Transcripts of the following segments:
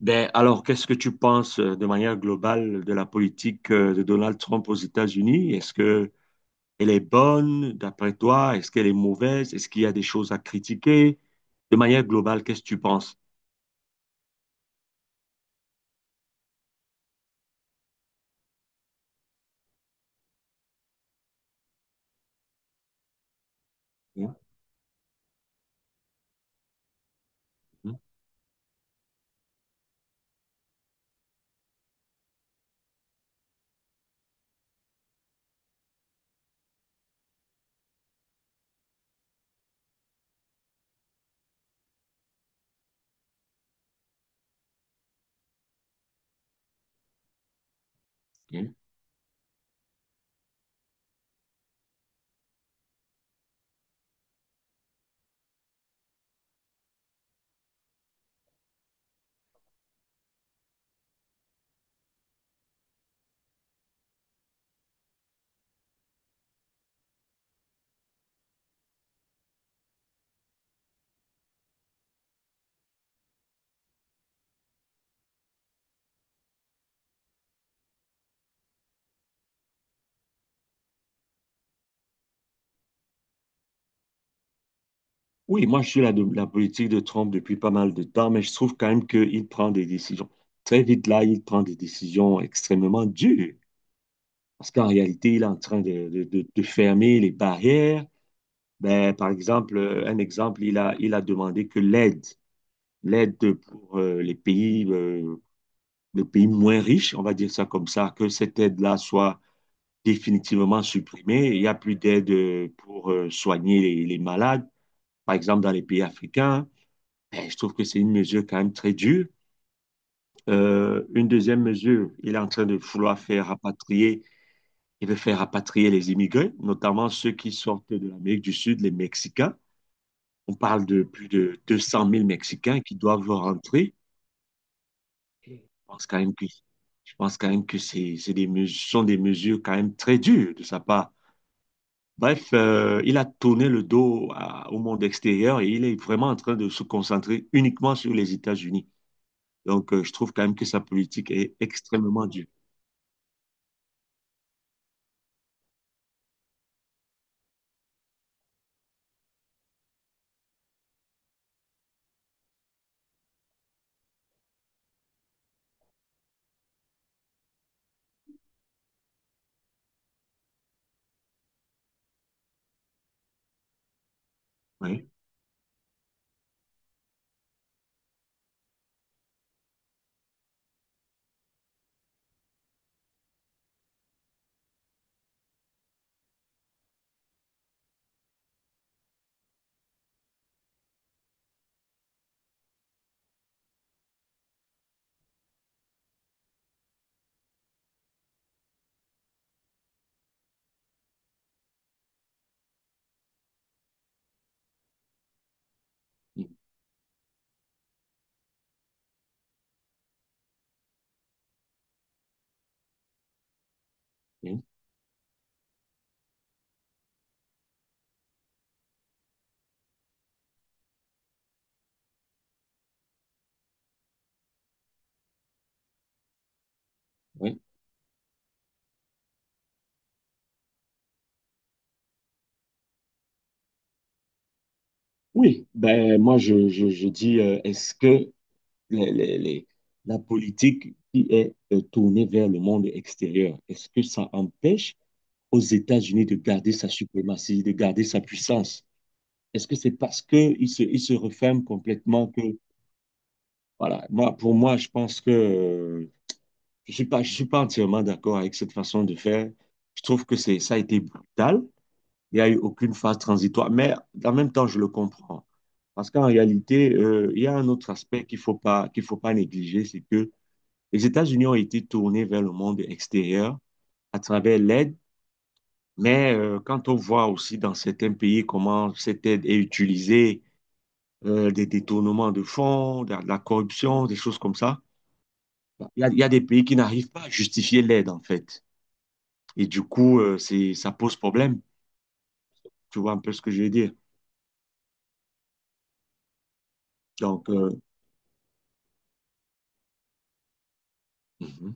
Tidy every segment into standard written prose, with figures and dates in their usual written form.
Ben, alors, qu'est-ce que tu penses de manière globale de la politique de Donald Trump aux États-Unis? Est-ce que elle est bonne d'après toi? Est-ce qu'elle est mauvaise? Est-ce qu'il y a des choses à critiquer? De manière globale, qu'est-ce que tu penses? Hein? Hein? Hein? Oui, moi, je suis la, de la politique de Trump depuis pas mal de temps, mais je trouve quand même qu'il prend des décisions. Très vite, là, il prend des décisions extrêmement dures, parce qu'en réalité, il est en train de, de fermer les barrières. Ben, par exemple, un exemple, il a demandé que l'aide l'aide pour les pays moins riches, on va dire ça comme ça, que cette aide-là soit définitivement supprimée. Il n'y a plus d'aide pour soigner les malades, par exemple dans les pays africains. Ben, je trouve que c'est une mesure quand même très dure. Une deuxième mesure, il est en train de vouloir faire rapatrier, il veut faire rapatrier les immigrés, notamment ceux qui sortent de l'Amérique du Sud, les Mexicains. On parle de plus de 200 000 Mexicains qui doivent rentrer. Je pense quand même que, je pense quand même que c'est des mesures, sont des mesures quand même très dures de sa part. Bref, il a tourné le dos au monde extérieur et il est vraiment en train de se concentrer uniquement sur les États-Unis. Donc, je trouve quand même que sa politique est extrêmement dure. Oui, oui, oui. Oui, ben, moi, je dis, est-ce que les, la politique qui est tournée vers le monde extérieur, est-ce que ça empêche aux États-Unis de garder sa suprématie, de garder sa puissance? Est-ce que c'est parce qu'ils se, ils se referment complètement que, voilà, moi, pour moi, je pense que je ne suis pas, je suis pas entièrement d'accord avec cette façon de faire. Je trouve que ça a été brutal. Il n'y a eu aucune phase transitoire, mais en même temps, je le comprends. Parce qu'en réalité, il y a un autre aspect qu'il ne faut pas, qu'il faut pas négliger, c'est que les États-Unis ont été tournés vers le monde extérieur à travers l'aide. Mais quand on voit aussi dans certains pays comment cette aide est utilisée, des détournements de fonds, de la corruption, des choses comme ça, bon, il y a des pays qui n'arrivent pas à justifier l'aide en fait. Et du coup, c'est, ça pose problème. Tu vois un peu ce que je veux dire. Donc, mhm,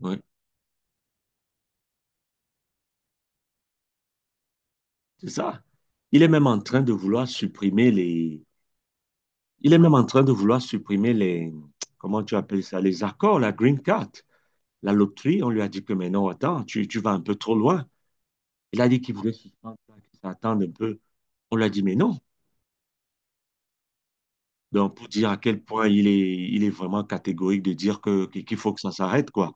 ouais, c'est ça. Il est même en train de vouloir supprimer les… Il est même en train de vouloir supprimer les… Comment tu appelles ça? Les accords, la green card, la loterie. On lui a dit que, mais non, attends, tu vas un peu trop loin. Il a dit qu'il voulait suspendre, qu'il s'attende un peu. On lui a dit, mais non. Donc, pour dire à quel point il est vraiment catégorique de dire que, qu'il faut que ça s'arrête, quoi.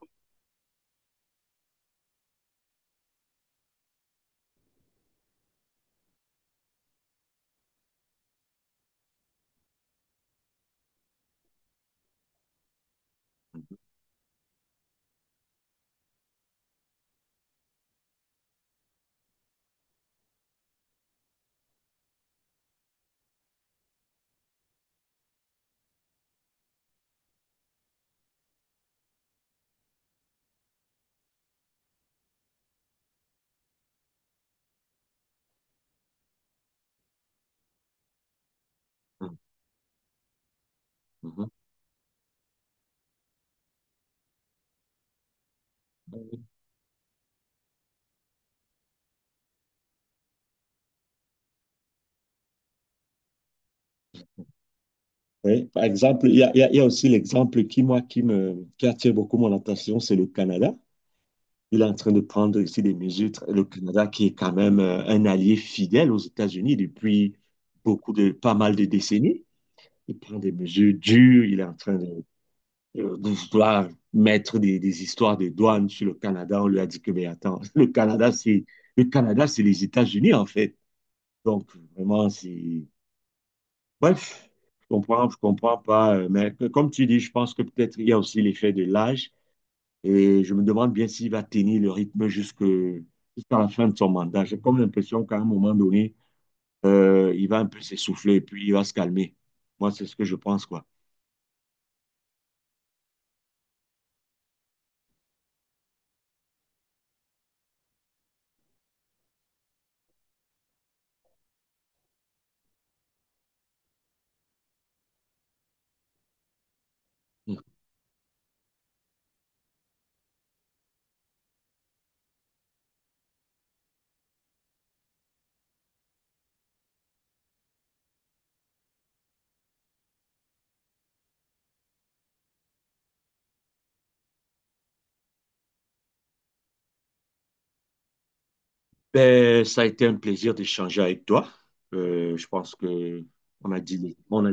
Mhm, mhm. Oui, par exemple, il y a aussi l'exemple qui, moi, qui attire beaucoup mon attention, c'est le Canada. Il est en train de prendre ici des mesures. Le Canada, qui est quand même un allié fidèle aux États-Unis depuis beaucoup de, pas mal de décennies. Il prend des mesures dures, il est en train de vouloir mettre des histoires de douane sur le Canada. On lui a dit que, mais attends, le Canada, c'est les États-Unis, en fait. Donc, vraiment, c'est… Bref, je comprends pas. Mais comme tu dis, je pense que peut-être il y a aussi l'effet de l'âge. Et je me demande bien s'il va tenir le rythme jusque, jusqu'à la fin de son mandat. J'ai comme l'impression qu'à un moment donné, il va un peu s'essouffler et puis il va se calmer. Moi, c'est ce que je pense, quoi. Mm. Ben, ça a été un plaisir d'échanger avec toi. Je pense que on a dit, on a-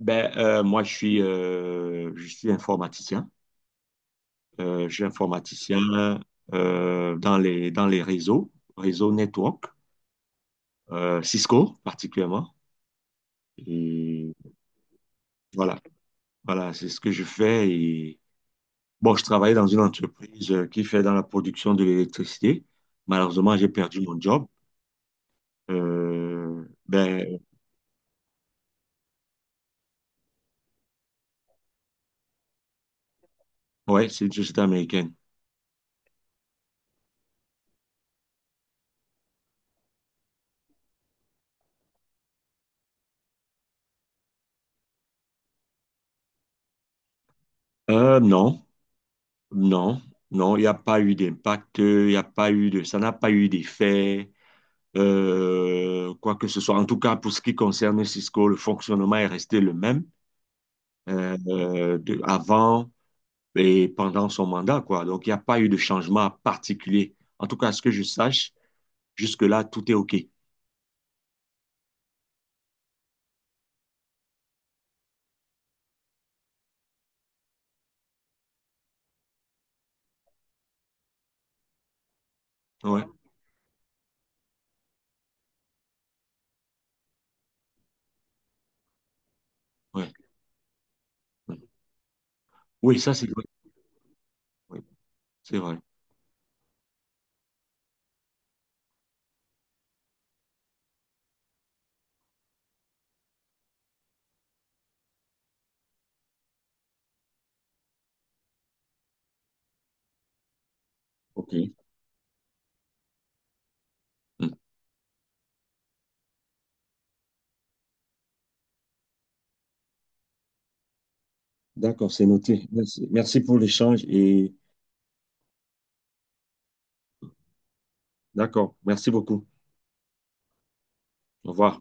ben, moi, je suis informaticien. Je suis informaticien dans les réseaux, réseaux network, Cisco particulièrement. Et voilà, voilà, c'est ce que je fais. Et bon, je travaillais dans une entreprise qui fait dans la production de l'électricité. Malheureusement, j'ai perdu mon job. Ben, ouais, c'est une société américaine. Non, non, non, il n'y a pas eu d'impact, il n'y a pas eu de, ça n'a pas eu d'effet, quoi que ce soit. En tout cas, pour ce qui concerne Cisco, le fonctionnement est resté le même, avant et pendant son mandat, quoi. Donc, il n'y a pas eu de changement particulier. En tout cas, à ce que je sache, jusque-là, tout est OK. Ouais, ouais, ouais. Oui, ça, c'est vrai. Oui, c'est vrai. OK. Hmm. D'accord, c'est noté. Merci. Merci pour l'échange et d'accord, merci beaucoup. Au revoir.